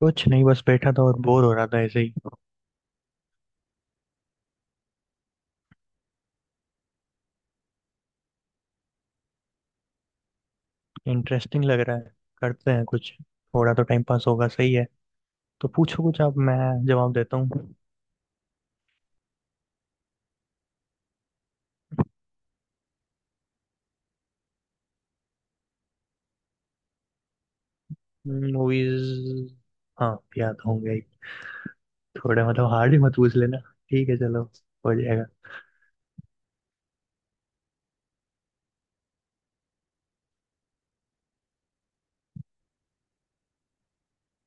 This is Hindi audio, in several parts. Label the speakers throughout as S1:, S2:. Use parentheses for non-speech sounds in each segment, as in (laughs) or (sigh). S1: कुछ नहीं, बस बैठा था और बोर हो रहा था ऐसे ही। इंटरेस्टिंग लग रहा है। करते हैं कुछ, थोड़ा तो टाइम पास होगा, सही है। तो पूछो कुछ आप, मैं जवाब देता हूँ। मूवीज हाँ, याद होंगे ही। थोड़ा मतलब हार्ड ही मत पूछ लेना। ठीक है, चलो। हो जाएगा।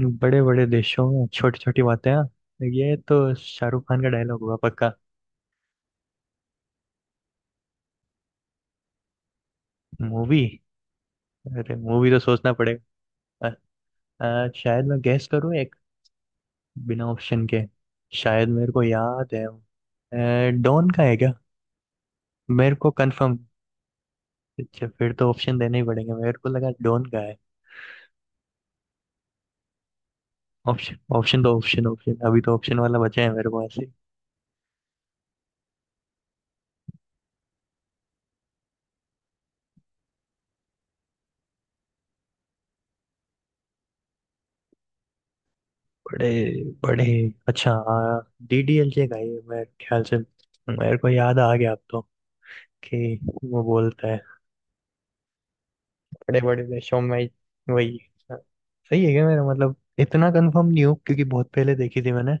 S1: बड़े बड़े देशों में छोटी छोटी बातें, हाँ। ये तो शाहरुख खान का डायलॉग हुआ पक्का। मूवी? अरे मूवी तो सोचना पड़ेगा। अ, शायद मैं गैस करूँ एक, बिना ऑप्शन के। शायद मेरे को याद है, डॉन का है क्या? मेरे को कंफर्म। अच्छा, फिर तो ऑप्शन देने ही पड़ेंगे, मेरे को लगा डोन का है। ऑप्शन ऑप्शन तो, ऑप्शन ऑप्शन अभी तो ऑप्शन वाला बचा है मेरे पास ही। बड़े बड़े। अच्छा, डीडीएलजे का ये मेरे ख्याल से। मेरे को याद आ गया अब तो, कि वो बोलता है, बड़े बड़े देशों में, वही। सही है क्या? मेरा मतलब इतना कंफर्म नहीं हूँ, क्योंकि बहुत पहले देखी थी मैंने।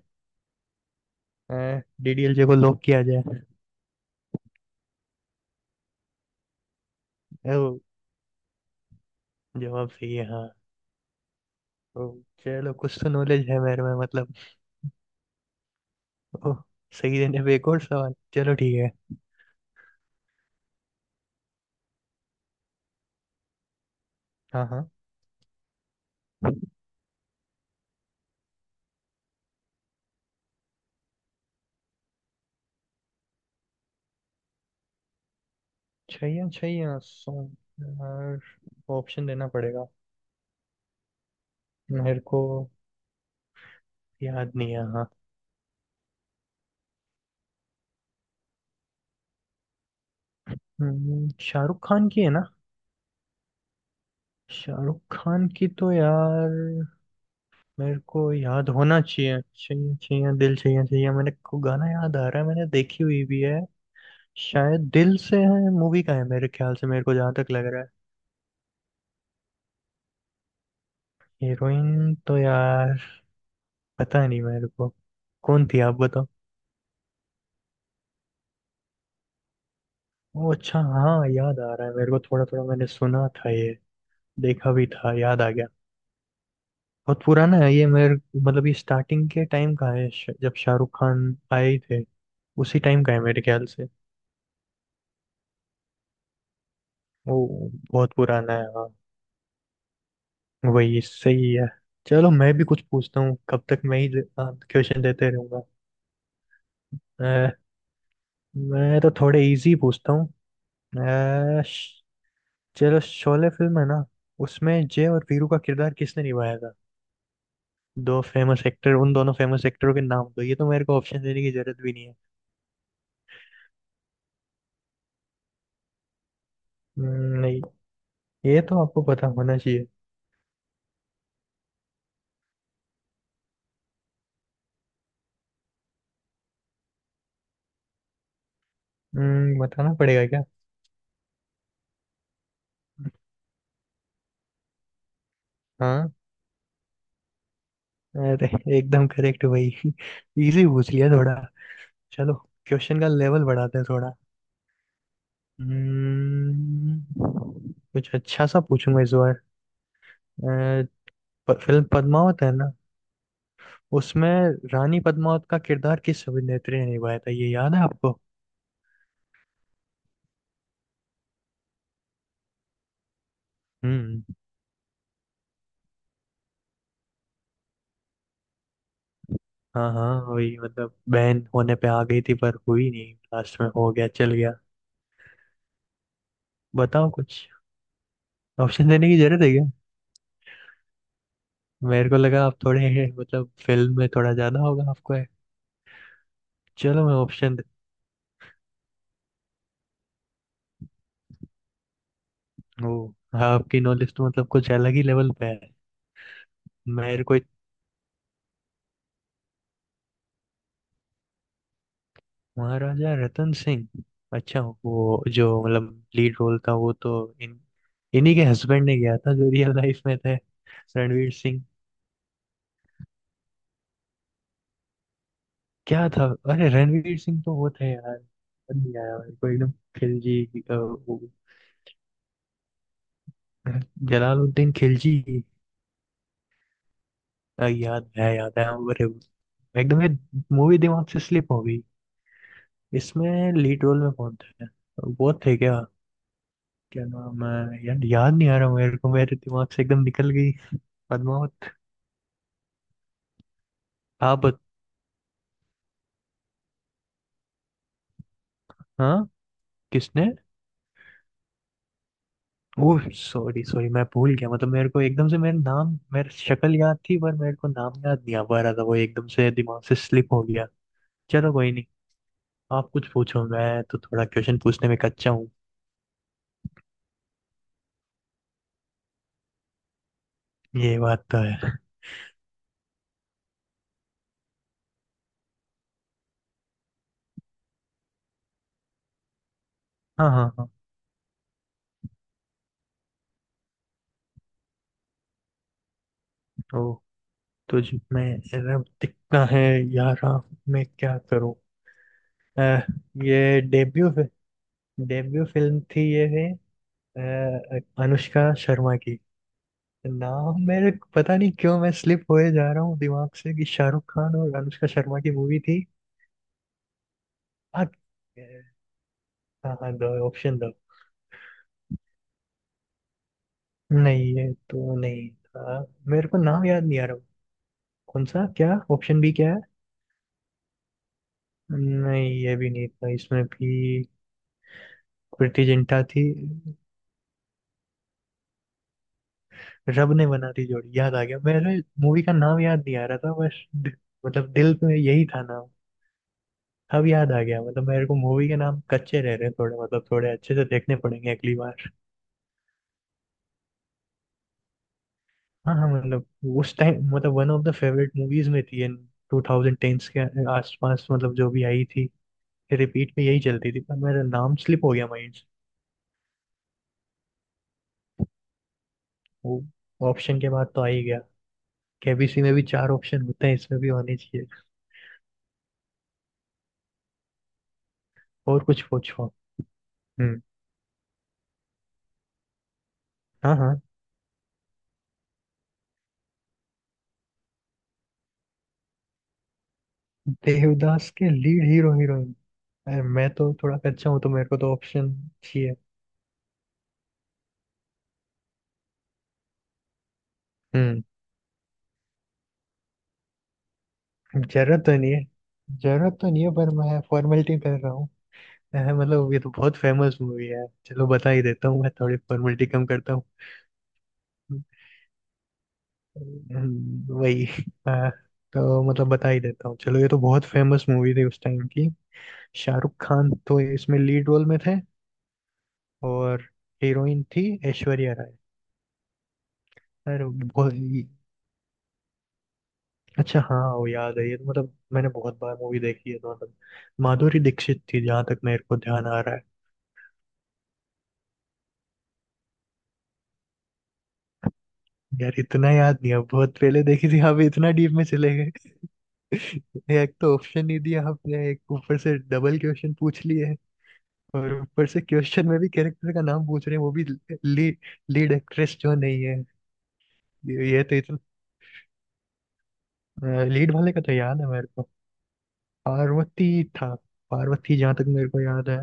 S1: डीडीएलजे को लॉक किया जाए। ओ, जवाब सही है हाँ। ओ, चलो कुछ तो नॉलेज है मेरे में मतलब। ओह, सही देने पे एक और सवाल, चलो ठीक है। हाँ हाँ। छैया छैया सॉन्ग, ऑप्शन देना पड़ेगा मेरे को। याद नहीं है हाँ। शाहरुख खान की है ना? शाहरुख खान की तो यार मेरे को याद होना चाहिए, चाहिए चाहिए, दिल चाहिए चाहिए, मेरे को गाना याद आ रहा है, मैंने देखी हुई भी है। शायद दिल से है मूवी का है मेरे ख्याल से, मेरे को जहाँ तक लग रहा है। हीरोइन तो यार पता नहीं मेरे को, कौन थी आप बताओ। ओ अच्छा, हाँ याद आ रहा है मेरे को थोड़ा थोड़ा, मैंने सुना था ये, देखा भी था, याद आ गया। बहुत पुराना है ये मेरे मतलब, ये स्टार्टिंग के टाइम का है, जब शाहरुख खान आए थे उसी टाइम का है मेरे ख्याल से। वो बहुत पुराना है हाँ। वही सही है। चलो मैं भी कुछ पूछता हूँ, कब तक मैं ही क्वेश्चन देते रहूंगा। अ, मैं तो थोड़े इजी पूछता हूँ। अ, श- चलो, शोले फिल्म है ना? उसमें जय और वीरू का किरदार किसने निभाया था? दो फेमस एक्टर, उन दोनों फेमस एक्टरों के नाम दो, ये तो मेरे को ऑप्शन देने की जरूरत भी नहीं है। हम्म, नहीं, ये तो आपको पता होना चाहिए। बताना पड़ेगा क्या? हाँ। अरे एकदम करेक्ट भाई (laughs) इजी पूछ लिया थोड़ा। चलो, क्वेश्चन का लेवल बढ़ाते हैं थोड़ा। कुछ अच्छा सा पूछूंगा इस बार। अ, फिल्म पद्मावत है ना? उसमें रानी पद्मावत का किरदार किस अभिनेत्री ने निभाया था, ये याद है आपको? हम्म। हाँ हाँ वही, मतलब बहन होने पे आ गई थी पर हुई नहीं, लास्ट में हो गया, चल गया। बताओ कुछ। ऑप्शन देने की जरूरत है क्या? मेरे को लगा आप थोड़े (laughs) मतलब फिल्म में थोड़ा ज्यादा होगा आपको है। चलो मैं ऑप्शन दे। ओ, आपकी नॉलेज तो मतलब कुछ अलग ही लेवल पे है। मेरे को, महाराजा रतन सिंह। अच्छा वो, जो मतलब लीड रोल था, वो तो इन इन्हीं के हस्बैंड ने किया था जो रियल लाइफ में थे। रणवीर सिंह। क्या था? अरे रणवीर सिंह तो वो थे यार, याद नहीं आया मेरे को एकदम। खिलजी। वो जलालुद्दीन खिलजी। याद है याद है। अरे एकदम ये मूवी दिमाग से स्लिप हो गई। इसमें लीड रोल में कौन था, वो थे क्या? क्या नाम है यार, याद नहीं आ रहा मेरे को, मेरे दिमाग से एकदम निकल गई, पद्मावत। आप हाँ, किसने? ओह सॉरी सॉरी, मैं भूल गया मतलब, मेरे को एकदम से, मेरा नाम, मेरा शक्ल याद थी पर मेरे को नाम याद नहीं आ पा रहा था, वो एकदम से दिमाग से स्लिप हो गया। चलो, कोई नहीं। आप कुछ पूछो, मैं तो थोड़ा क्वेश्चन पूछने में कच्चा हूँ। ये बात तो है। हाँ हाँ हाँ। ओ, तुझ में रब दिखता है, यारा मैं क्या करूँ। अह, ये डेब्यू डेब्यू फिल्म थी ये है, अनुष्का शर्मा की। नाम मेरे को पता नहीं क्यों मैं स्लिप होए जा रहा हूँ दिमाग से, कि शाहरुख खान और अनुष्का शर्मा की मूवी थी। हाँ। हाँ हाँ, दो ऑप्शन दो। नहीं ये तो नहीं था। मेरे को नाम याद नहीं आ रहा। कौन सा, क्या ऑप्शन भी क्या है? नहीं ये भी नहीं था, इसमें भी प्रीति जिंटा थी। रब ने बना दी जोड़ी, याद आ गया मेरे, मूवी का नाम याद नहीं आ रहा था बस, मतलब दिल में यही था नाम। अब याद आ गया, मतलब मेरे को मूवी के नाम कच्चे रह रहे हैं थोड़े, मतलब थोड़े अच्छे से देखने पड़ेंगे अगली बार। हाँ हाँ मतलब, उस टाइम मतलब one of the favourite movies में थी, इन टू थाउजेंड टेंस के आसपास मतलब जो भी आई थी, रिपीट में यही चलती थी, पर मेरा नाम स्लिप हो गया माइंड से। वो ऑप्शन के बाद तो आ ही गया। केबीसी में भी चार ऑप्शन होते हैं, इसमें भी होने चाहिए। और कुछ पूछो। हम्म। हाँ हाँ। देवदास के लीड हीरो हीरोइन? अरे मैं तो थोड़ा कच्चा हूँ, तो मेरे को तो ऑप्शन चाहिए। हम्म। जरूरत तो नहीं है। जरूरत तो नहीं है, पर मैं फॉर्मेलिटी कर रहा है मतलब, ये तो बहुत फेमस मूवी है, चलो बता ही देता हूँ, मैं थोड़ी फॉर्मेलिटी कम करता हूँ। वही। हाँ, तो मतलब बता ही देता हूँ, चलो, ये तो बहुत फेमस मूवी थी उस टाइम की। शाहरुख खान तो इसमें लीड रोल में थे, और हीरोइन थी ऐश्वर्या राय। अरे बहुत अच्छा हाँ वो याद है, ये तो मतलब मैंने बहुत बार मूवी देखी है तो मतलब, माधुरी दीक्षित थी जहां तक मेरे को ध्यान आ रहा है। यार इतना याद नहीं है, बहुत पहले देखी थी, आप इतना डीप में चले। (laughs) एक तो ऑप्शन नहीं दिया आपने, एक ऊपर से डबल क्वेश्चन पूछ लिए है, और ऊपर से क्वेश्चन में भी कैरेक्टर का नाम पूछ रहे हैं, वो भी लीड, लीड एक्ट्रेस जो नहीं है। ये तो इतना, लीड वाले का तो याद है मेरे को। पार्वती था। पार्वती, जहाँ तक मेरे को याद है।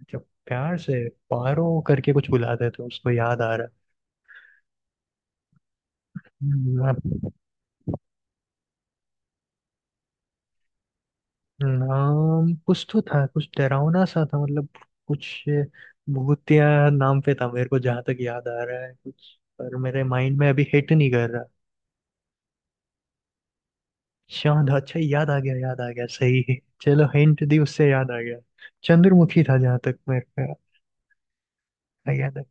S1: अच्छा, प्यार से पारो करके कुछ बुलाते थे उसको, याद आ रहा है। हाँ, नाम कुछ तो था, कुछ डरावना सा था मतलब, कुछ भूतिया नाम पे था मेरे को जहां तक याद आ रहा है कुछ, पर मेरे माइंड में अभी हिट नहीं कर रहा। शांत, अच्छा याद आ गया, याद आ गया, सही है। चलो, हिंट दी उससे याद आ गया। चंद्रमुखी था जहां तक मेरे को याद है।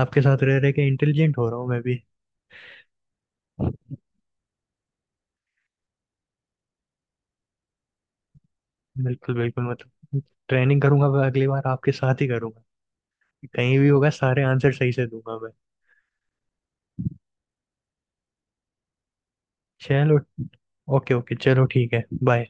S1: आपके साथ रह रह के इंटेलिजेंट हो रहा हूँ मैं भी। बिल्कुल बिल्कुल मतलब, ट्रेनिंग करूंगा, मैं अगली बार आपके साथ ही करूंगा। कहीं भी होगा, सारे आंसर सही से दूंगा मैं। चलो, ओके ओके, चलो ठीक है, बाय।